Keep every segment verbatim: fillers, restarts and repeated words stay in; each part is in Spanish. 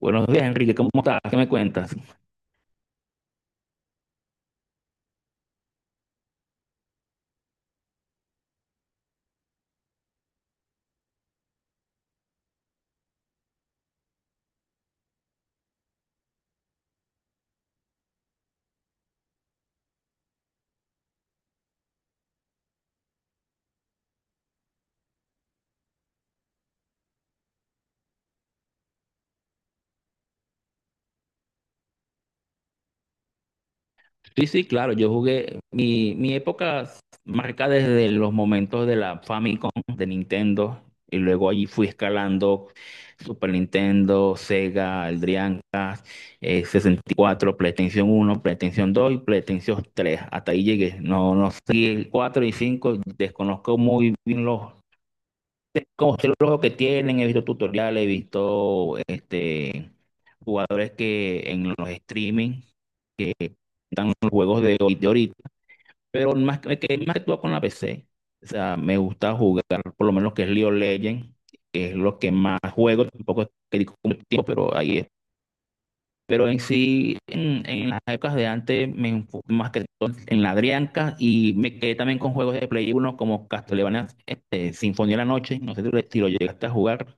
Buenos días, Enrique, ¿cómo estás? ¿Qué me cuentas? Sí, sí, claro, yo jugué mi, mi época marca desde los momentos de la Famicom de Nintendo, y luego allí fui escalando Super Nintendo, Sega, el Dreamcast, eh, sesenta y cuatro, PlayStation Uno, PlayStation Dos, y PlayStation tres. Hasta ahí llegué. No, no sé, el cuatro y cinco desconozco muy bien los, como sé los juegos que tienen, he visto tutoriales, he visto este jugadores que en los streaming están los juegos de, hoy- de ahorita, pero más que, que- más que todo con la P C. O sea, me gusta jugar por lo menos que es League of Legends, que es lo que más juego, tampoco es que dedico mucho tiempo, pero ahí es. Pero en sí, en, en las épocas de antes, me enfoqué más que todo en la Drianca y me quedé también con juegos de Play uno como Castlevania, este, Sinfonía de la Noche, no sé si lo si lo llegaste a jugar.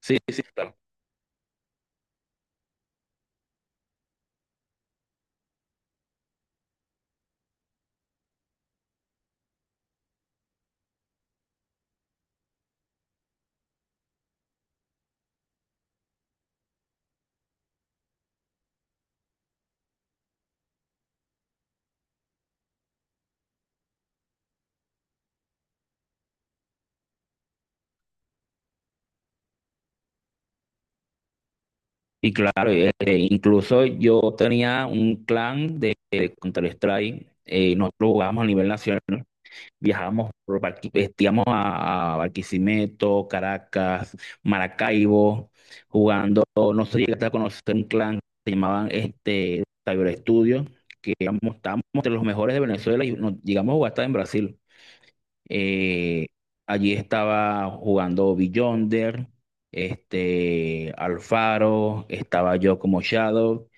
Sí, sí. Y claro, eh, eh, incluso yo tenía un clan de, de Counter-Strike, eh, nosotros jugábamos a nivel nacional, viajábamos por Barqui- este, íbamos a, a Barquisimeto, Caracas, Maracaibo, jugando. No sé si llegaste a conocer un clan que se llamaban este, Cyber Studios, que éramos, estábamos entre los mejores de Venezuela y nos llegamos a jugar hasta en Brasil. Eh, allí estaba jugando Beyonder, este, Alfaro, estaba yo como Shadow,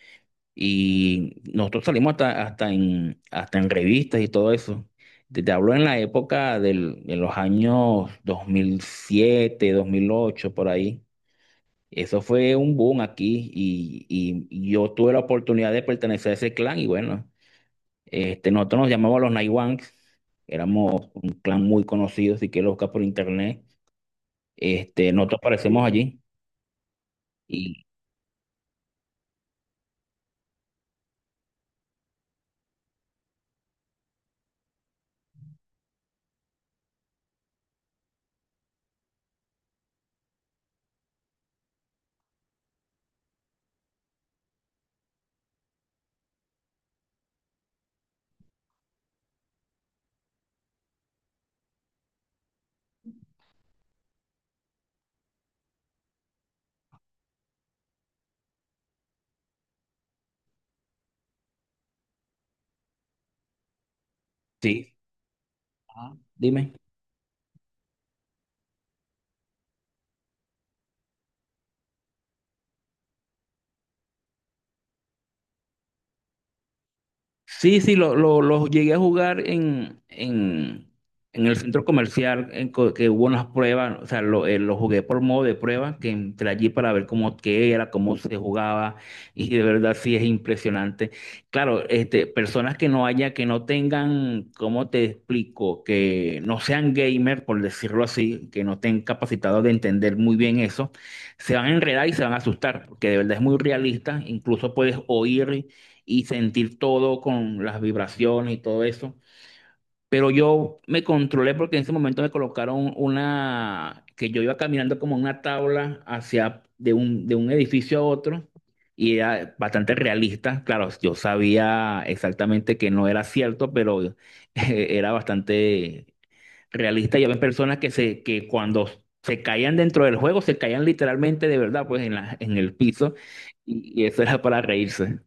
y nosotros salimos hasta, hasta en, hasta en revistas y todo eso. Te, te hablo en la época del, de los años dos dos mil siete, dos mil ocho por ahí. Eso fue un boom aquí, y, y yo tuve la oportunidad de pertenecer a ese clan y bueno. Este, nosotros nos llamábamos los Naiwanks, éramos un clan muy conocido, si quieres buscar por internet. Este, nosotros aparecemos allí. Y sí. Ajá, dime. Sí, sí, lo, lo, lo llegué a jugar en, en, en el centro comercial, en co- que hubo unas pruebas. O sea, lo, eh, lo jugué por modo de prueba, que entré allí para ver cómo qué era, cómo se jugaba, y de verdad sí es impresionante. Claro, este, personas que no haya, que no tengan, ¿cómo te explico? Que no sean gamer, por decirlo así, que no estén capacitados de entender muy bien eso, se van a enredar y se van a asustar, porque de verdad es muy realista, incluso puedes oír y sentir todo con las vibraciones y todo eso. Pero yo me controlé porque en ese momento me colocaron una, que yo iba caminando como una tabla hacia de un, de un edificio a otro, y era bastante realista. Claro, yo sabía exactamente que no era cierto, pero eh, era bastante realista. Y había personas que, se, que cuando se caían dentro del juego, se caían literalmente de verdad, pues en la, en el piso, y y eso era para reírse.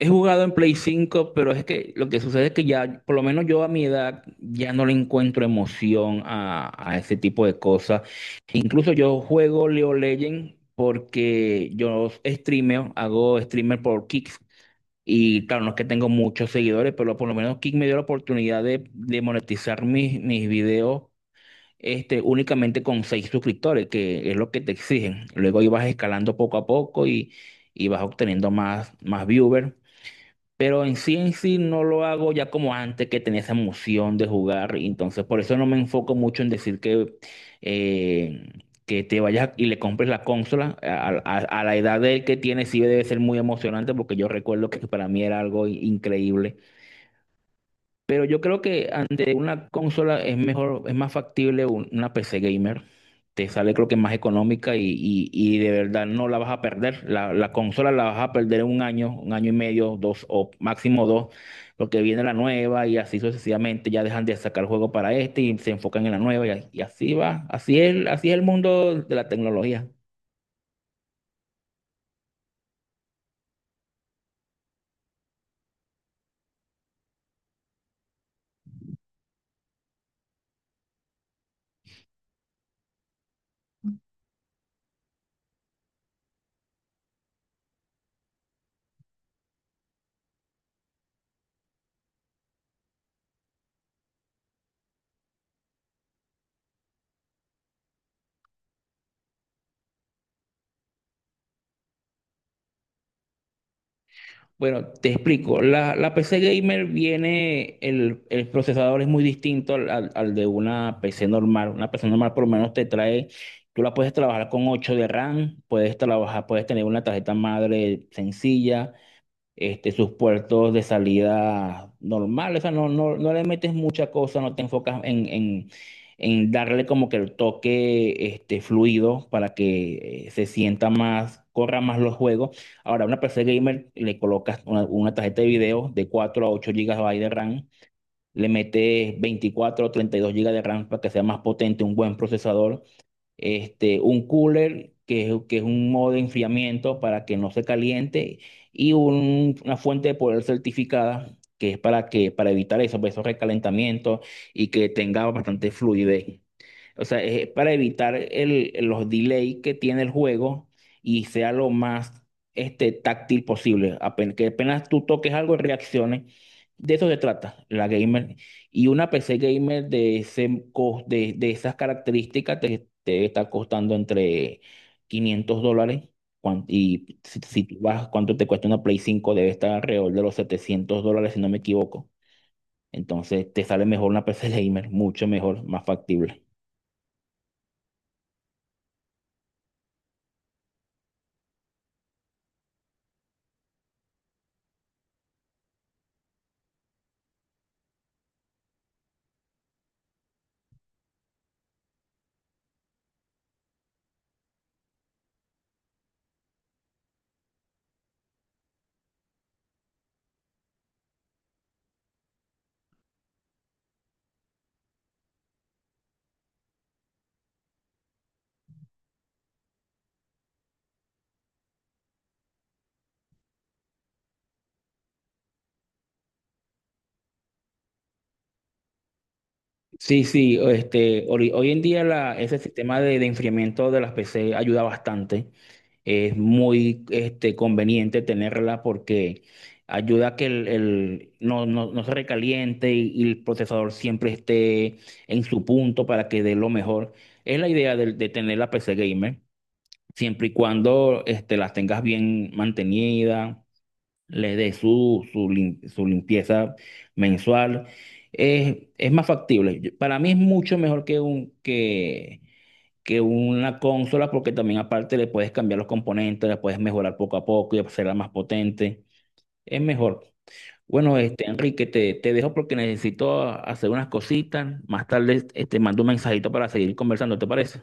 He jugado en Play cinco, pero es que lo que sucede es que ya, por lo menos yo a mi edad, ya no le encuentro emoción a, a ese tipo de cosas. Incluso yo juego Leo Legend porque yo streameo, hago streamer por Kick. Y claro, no es que tengo muchos seguidores, pero por lo menos Kick me dio la oportunidad de, de monetizar mis, mis videos, este, únicamente con seis suscriptores, que es lo que te exigen. Luego ibas escalando poco a poco, y, y vas obteniendo más, más viewers. Pero en sí en sí no lo hago ya como antes, que tenía esa emoción de jugar. Y entonces por eso no me enfoco mucho en decir que, eh, que te vayas y le compres la consola. A, a- a la edad de que tiene sí debe ser muy emocionante, porque yo recuerdo que para mí era algo increíble. Pero yo creo que ante una consola es mejor, es más factible un- una P C gamer. Te sale creo que más económica, y, y- y de verdad no la vas a perder. La, la consola la vas a perder un año, un año y medio, dos o máximo dos, porque viene la nueva y así sucesivamente. Ya dejan de sacar juego para este y se enfocan en la nueva, y, y así va. Así es, así es el mundo de la tecnología. Bueno, te explico. La, la P C gamer viene, el, el procesador es muy distinto al, al- al de una P C normal. Una P C normal por lo menos te trae, tú la puedes trabajar con ocho de RAM, puedes trabajar, puedes tener una tarjeta madre sencilla, este, sus puertos de salida normales. O sea, no, no, no le metes mucha cosa, no te enfocas en, en, en darle como que el toque este, fluido, para que eh, se sienta más, corra más los juegos. Ahora, a una P C gamer le colocas una, una tarjeta de video de cuatro a ocho gigas de RAM, le metes veinticuatro o treinta y dos gigas de RAM para que sea más potente, un buen procesador, este, un cooler, que es, que es un modo de enfriamiento para que no se caliente, y un- una fuente de poder certificada, que es para que, para evitar eso, pues, esos recalentamientos, y que tenga bastante fluidez. O sea, es para evitar el, los delays que tiene el juego, y sea lo más este, táctil posible. Apen- que apenas tú toques algo, reacciones. De eso se trata la gamer. Y una P C gamer de, ese, cos- de, de esas características te, te está costando entre quinientos dólares. cuan- Y si, si tú vas, ¿cuánto te cuesta una Play cinco? Debe estar alrededor de los setecientos dólares, si no me equivoco. Entonces te sale mejor una P C gamer, mucho mejor, más factible. Sí, sí, este, hoy, hoy en día la, ese sistema de, de enfriamiento de las P C ayuda bastante. Es muy este, conveniente tenerla, porque ayuda a que el, el- no, no- no se recaliente, y, y el procesador siempre esté en su punto para que dé lo mejor. Es la idea de, de tener la P C gamer, siempre y cuando este, las tengas bien mantenida, le dé su, su, lim- su limpieza mensual. Es, es más factible. Yo- Para mí es mucho mejor que, un, que, que una consola, porque también aparte le puedes cambiar los componentes, la puedes mejorar poco a poco y hacerla más potente. Es mejor. Bueno, este, Enrique, te, te dejo porque necesito hacer unas cositas. Más tarde, este, mando un mensajito para seguir conversando, ¿te parece?